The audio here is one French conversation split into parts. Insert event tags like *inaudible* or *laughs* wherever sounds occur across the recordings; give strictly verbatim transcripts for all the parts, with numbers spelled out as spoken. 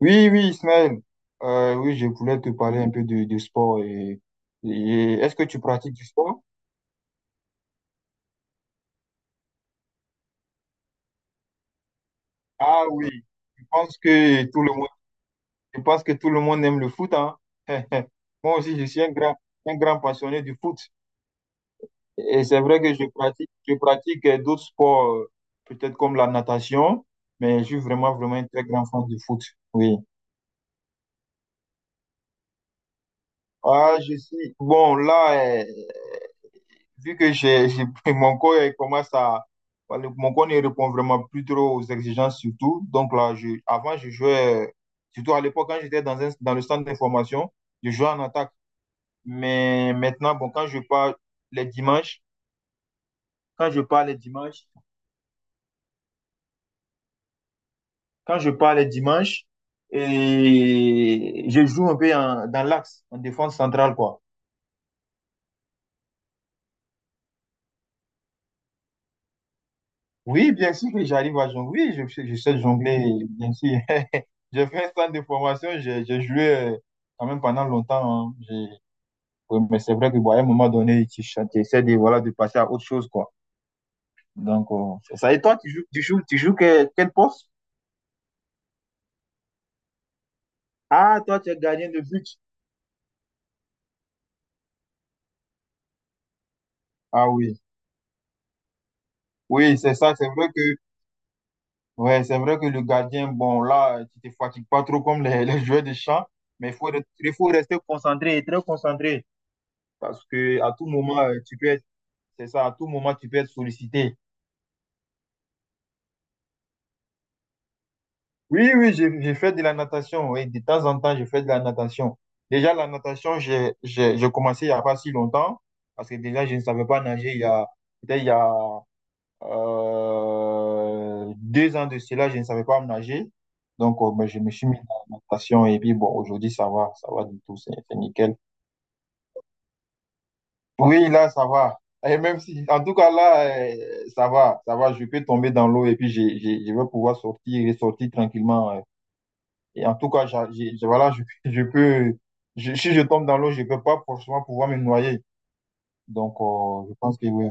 Oui, oui, Ismaël. Euh, oui, je voulais te parler un peu de, de sport. Et, et est-ce que tu pratiques du sport? Ah oui, je pense que tout le monde, je pense que tout le monde aime le foot, hein. *laughs* Moi aussi, je suis un grand, un grand passionné du foot. Et c'est vrai que je pratique, je pratique euh, d'autres sports, euh, peut-être comme la natation, mais je suis vraiment, vraiment un très grand fan du foot. Oui. Ah, je suis. Bon, là, euh, vu que j'ai, j'ai- *laughs* mon corps il commence à, voilà, mon corps ne répond vraiment plus trop aux exigences surtout. Donc là, je, avant, je jouais, euh, surtout à l'époque, quand j'étais dans, un- dans le centre d'information, je jouais en attaque. Mais maintenant, bon, quand je pars les dimanches, quand je pars les dimanches, quand je pars les dimanches, et je joue un peu en- dans l'axe, en défense centrale, quoi. Oui, bien sûr que j'arrive à jongler. Oui, je, sais- je sais jongler, bien sûr. *laughs* J'ai fait un centre de formation, j'ai j'ai joué euh, quand même pendant longtemps, hein. J'ai- Oui, mais c'est vrai que bon, à un moment donné, tu ch- tu essaies de, voilà, de passer à autre chose, quoi. Donc, euh, c'est ça. Et toi, tu joues, tu joues, tu joues que- quel poste? Ah, toi, tu es gardien de but. Ah oui. Oui, c'est ça. C'est vrai que, ouais, c'est vrai que le gardien, bon, là, tu te fatigues pas trop comme les, *laughs* les joueurs de champ, mais il faut, re- il faut rester concentré, très concentré parce que à tout moment, euh, tu peux être C'est ça, à tout moment, tu peux être sollicité. Oui, oui, j'ai j'ai fait de la natation. Oui, de temps en temps, je fais de la natation. Déjà, la natation, j'ai j'ai- j'ai commencé il n'y a pas si longtemps, parce que déjà, je ne savais pas nager il y a, peut-être il y a euh, deux ans de cela, je ne savais pas nager. Donc, euh, ben, je me suis mis à la natation et puis, bon, aujourd'hui, ça va, ça va du tout, c'est c'est nickel. Oui, là, ça va. Et même si, en tout cas, là, euh, ça va, ça va, je peux tomber dans l'eau et puis j'ai j'ai je vais pouvoir sortir et sortir tranquillement euh, Et en tout cas, j'a- j'ai- j'ai- voilà, je, *laughs* je peux, je- si je tombe dans l'eau, je peux pas forcément pouvoir me noyer. Donc, euh, je pense que oui.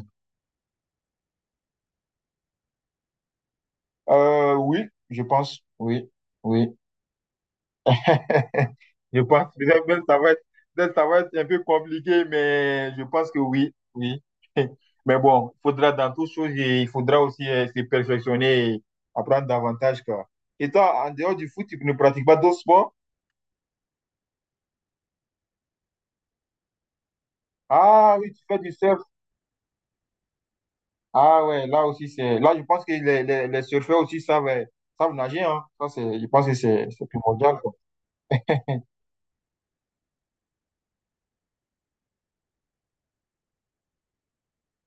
Euh, oui, je pense, oui, oui. *laughs* Je pense, peut-être même ça va être, peut-être ça va être un peu compliqué, mais je pense que oui, oui. *laughs* Mais bon, il faudra dans toutes choses, et il faudra aussi euh, se perfectionner et apprendre davantage, quoi. Et toi, en dehors du foot, tu ne pratiques pas d'autres sports? Ah oui, tu fais du surf. Ah ouais, là aussi, c'est. Là, je pense que les, les, les surfeurs aussi savent, euh, savent nager, hein. Ça, c'est, je pense que c'est c'est primordial, quoi.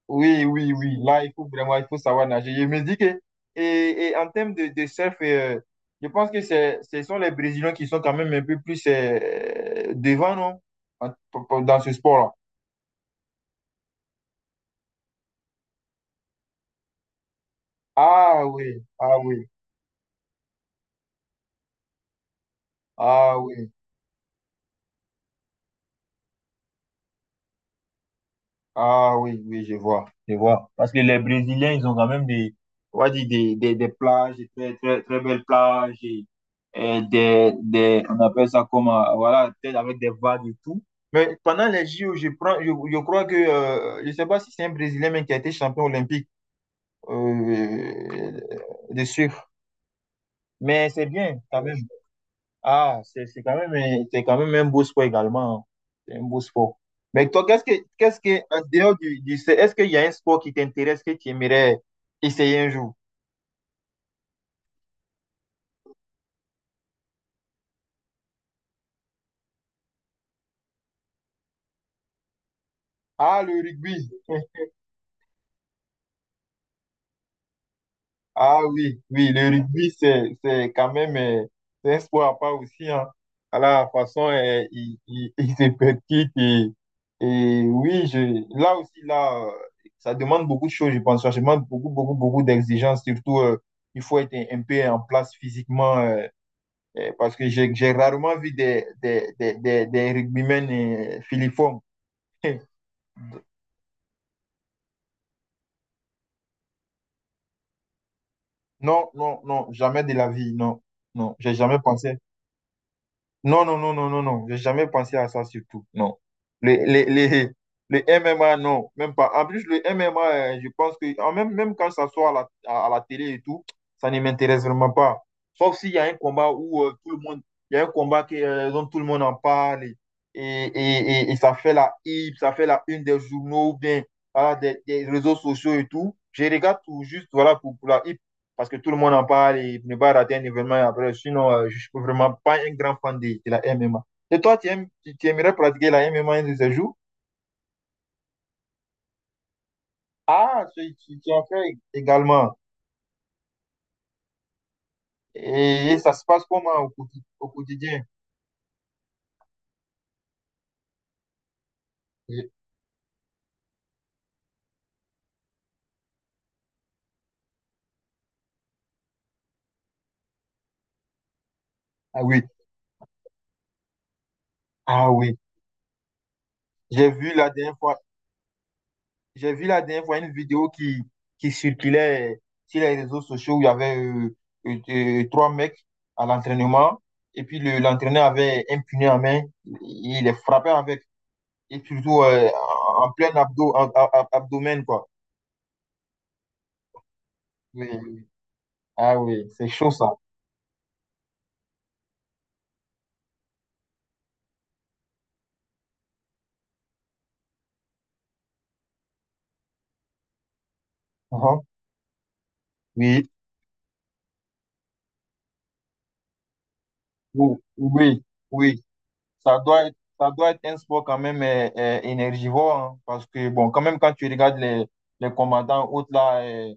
Oui, oui, oui. Là, il faut vraiment, il faut savoir nager. Je me dis que. Et, et en termes de, de surf, euh, je pense que c'est, ce sont les Brésiliens qui sont quand même un peu plus euh, devant, non? En- Dans ce sport-là. Ah oui, ah oui, ah oui. Ah oui, oui, je vois, je vois. Parce que les Brésiliens, ils ont quand même des, on va dire des, des, des plages, des très, très, très belles plages, et, et des, des, on appelle ça comme, euh, voilà, peut-être avec des vagues et tout. Mais pendant les J O, je prends, je, je crois que, euh, je sais pas si c'est un Brésilien, mais qui a été champion olympique, euh, de surf. Mais c'est bien, quand même. Ah, c'est c'est quand même, un- c'est quand même un beau sport également, hein. C'est un beau sport. Mais toi, qu'est-ce que, qu'est-ce que, en dehors du, du, C- est-ce qu'il y a un sport qui t'intéresse, que tu aimerais essayer un jour? Ah, le rugby. Ah oui, oui, le rugby, c'est, c'est quand même euh, c'est un sport à part aussi, hein. À la façon, euh, il, il, *laughs* il se pratique. Et, et oui, je, là aussi, là, euh, ça demande beaucoup de choses, je pense. Ça demande beaucoup, beaucoup, beaucoup d'exigences. Surtout, euh, il faut être un un peu en place physiquement, euh, euh, parce que j'ai j'ai rarement vu des, des, des, des, des rugbymen euh, filiformes. *laughs* Non, non, non, jamais de la vie, non. Non, j'ai jamais pensé. Non, non, non, non, non, non. J'ai jamais pensé à ça surtout. Non. Le, le, le, le M M A non, même pas. En plus, le M MMA, euh, je pense que en même, même quand ça sort à la, à, à la télé et tout, ça ne m'intéresse vraiment pas. Sauf s'il y a un combat où euh, tout le monde, il y a un combat qui, euh, dont tout le monde en parle et, et, et, et- et ça fait la hype, ça fait la une des journaux ou bien voilà, des, des réseaux sociaux et tout. Je regarde tout juste voilà, pour, pour la hype parce que tout le monde en parle et ne pas rater un événement après. Sinon, euh, je ne suis vraiment pas un grand fan de, de la M M A. Et toi, tu, aimes- tu- tu aimerais pratiquer la M M A un de ces jours? Ah, tu, tu- tu en fais également. Et, et ça se passe comment au, quotidi- au quotidien? Je- Ah oui, ah oui. J'ai vu la dernière fois, j'ai vu la dernière fois une vidéo qui, qui circulait sur les réseaux sociaux où il y avait euh, euh, euh, trois mecs à l'entraînement. Et puis le- l'entraîneur avait un punais en main. Il les frappait avec et toujours euh, en en plein abdo, ab- ab- abdomen, quoi. Oui, oui. Ah oui, c'est chaud ça. Uhum. Oui, ou- oui, oui. Ça doit être, ça doit être un sport quand même euh, euh, énergivore, hein, parce que, bon, quand même, quand tu regardes les, les commandants autres là, euh,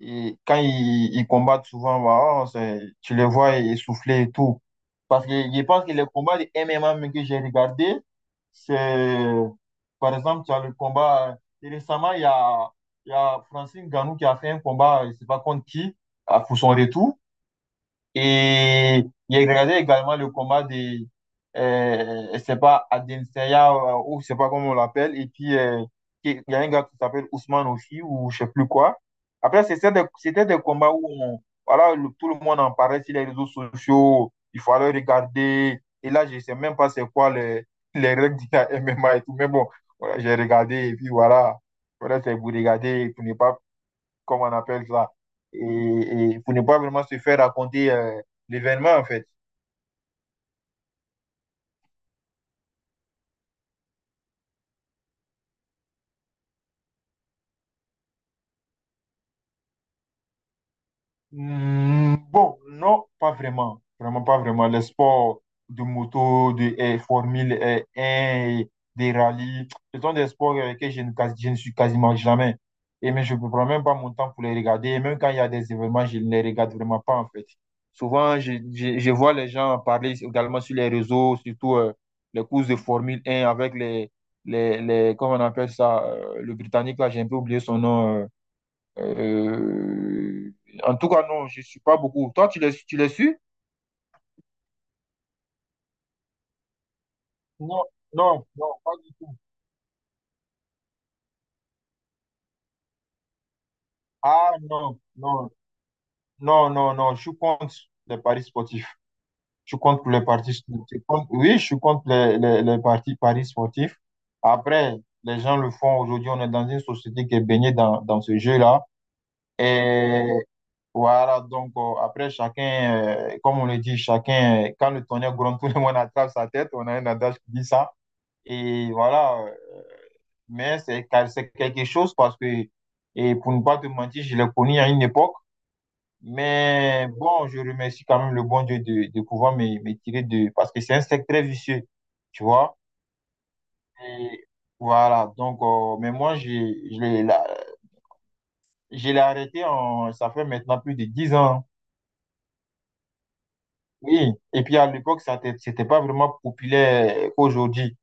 Et quand ils, ils combattent souvent, bah, oh, c'est- tu les vois essoufflés et tout. Parce que je pense que les combats de M M A même que j'ai regardé, c'est, par exemple, tu as le combat, et récemment, il y a, il y a Francine Ganou qui a fait un combat, je ne sais pas contre qui, à- pour son retour. Et j'ai regardé également le combat de, euh, c'est pas Adesanya euh, ou je sais pas comment on l'appelle. Et puis, euh, il y a un gars qui s'appelle Ousmane aussi, ou je sais plus quoi. Après, c'était des, c'était des combats où on- voilà, le- tout le monde en parlait sur les réseaux sociaux. Il fallait regarder. Et là, je sais même pas c'est quoi les, les règles du *laughs* M M A et tout. Mais bon, voilà, j'ai regardé et puis voilà. Voilà, c'est vous regardez pour ne pas, comme on appelle ça, et, et pour ne pas vraiment se faire raconter euh, l'événement, en fait. Hmm, bon, non, pas vraiment. Vraiment pas vraiment. Les sports de moto, de eh, Formule eh, un, des rallyes, ce sont des sports euh, que je ne, quasi- je ne suis quasiment jamais. Et mais je ne prends même pas mon temps pour les regarder. Et même quand il y a des événements, je ne les regarde vraiment pas en fait. Souvent, je, je, je vois les gens parler également sur les réseaux, surtout euh, les courses de Formule un avec les, les, les, comment on appelle ça, euh, le Britannique, là, j'ai un peu oublié son nom. euh, euh, En tout cas, non, je ne suis pas beaucoup. Toi, tu l'as tu l'as su Non, non, non, pas du tout. Ah non, non, non, non, non, je suis contre les paris sportifs. Je suis contre les paris sportifs. Je suis contre- Oui, je suis contre les, les, les partis- paris sportifs. Après, les gens le font aujourd'hui. On est dans une société qui est baignée dans, dans ce jeu-là. Et voilà, donc euh, après, chacun, euh, comme on le dit, chacun, euh, quand le tonnerre gronde, *laughs* tout le monde attrape sa tête. On a un adage qui dit ça. Et voilà, mais c'est quel- c'est quelque chose parce que, et pour ne pas te mentir, je l'ai connu à une époque. Mais bon, je remercie quand même le bon Dieu de, de pouvoir me, me tirer de… Parce que c'est un secteur très vicieux, tu vois. Et voilà, donc, euh, mais moi, j'ai, je l'ai la- je l'ai arrêté, en, ça fait maintenant plus de dix ans. Oui, et puis à l'époque, ça n'était pas vraiment populaire qu'aujourd'hui.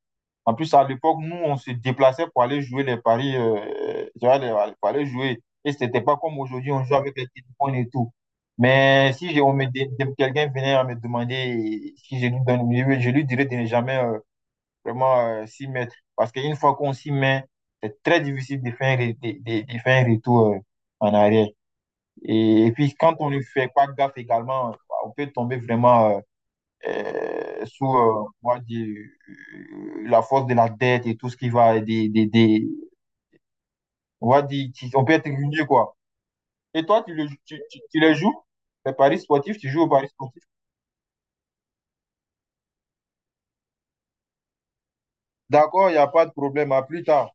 En plus, à l'époque, nous, on se déplaçait pour aller jouer les paris, euh, tu vois, les- pour aller jouer. Et c'était pas comme aujourd'hui, on joue avec les téléphones et tout. Mais si j'ai- on me dé- dé- quelqu'un venait à me demander si je lui donne, je lui je lui dirais de ne jamais euh, vraiment euh, s'y mettre. Parce qu'une fois qu'on s'y met, c'est très difficile de faire, un ré- de, de- de faire un retour euh, en arrière. Et, et puis, quand on ne fait pas gaffe également, on peut tomber vraiment euh, euh, sous euh, on va dire, euh, la force de la dette et tout ce qui va des, des, des- on va dire, tu- on peut être ruiné, quoi. Et toi, tu, le, tu, tu, tu les joues, les paris sportifs, tu joues aux paris sportifs. D'accord, il n'y a pas de problème, à plus tard.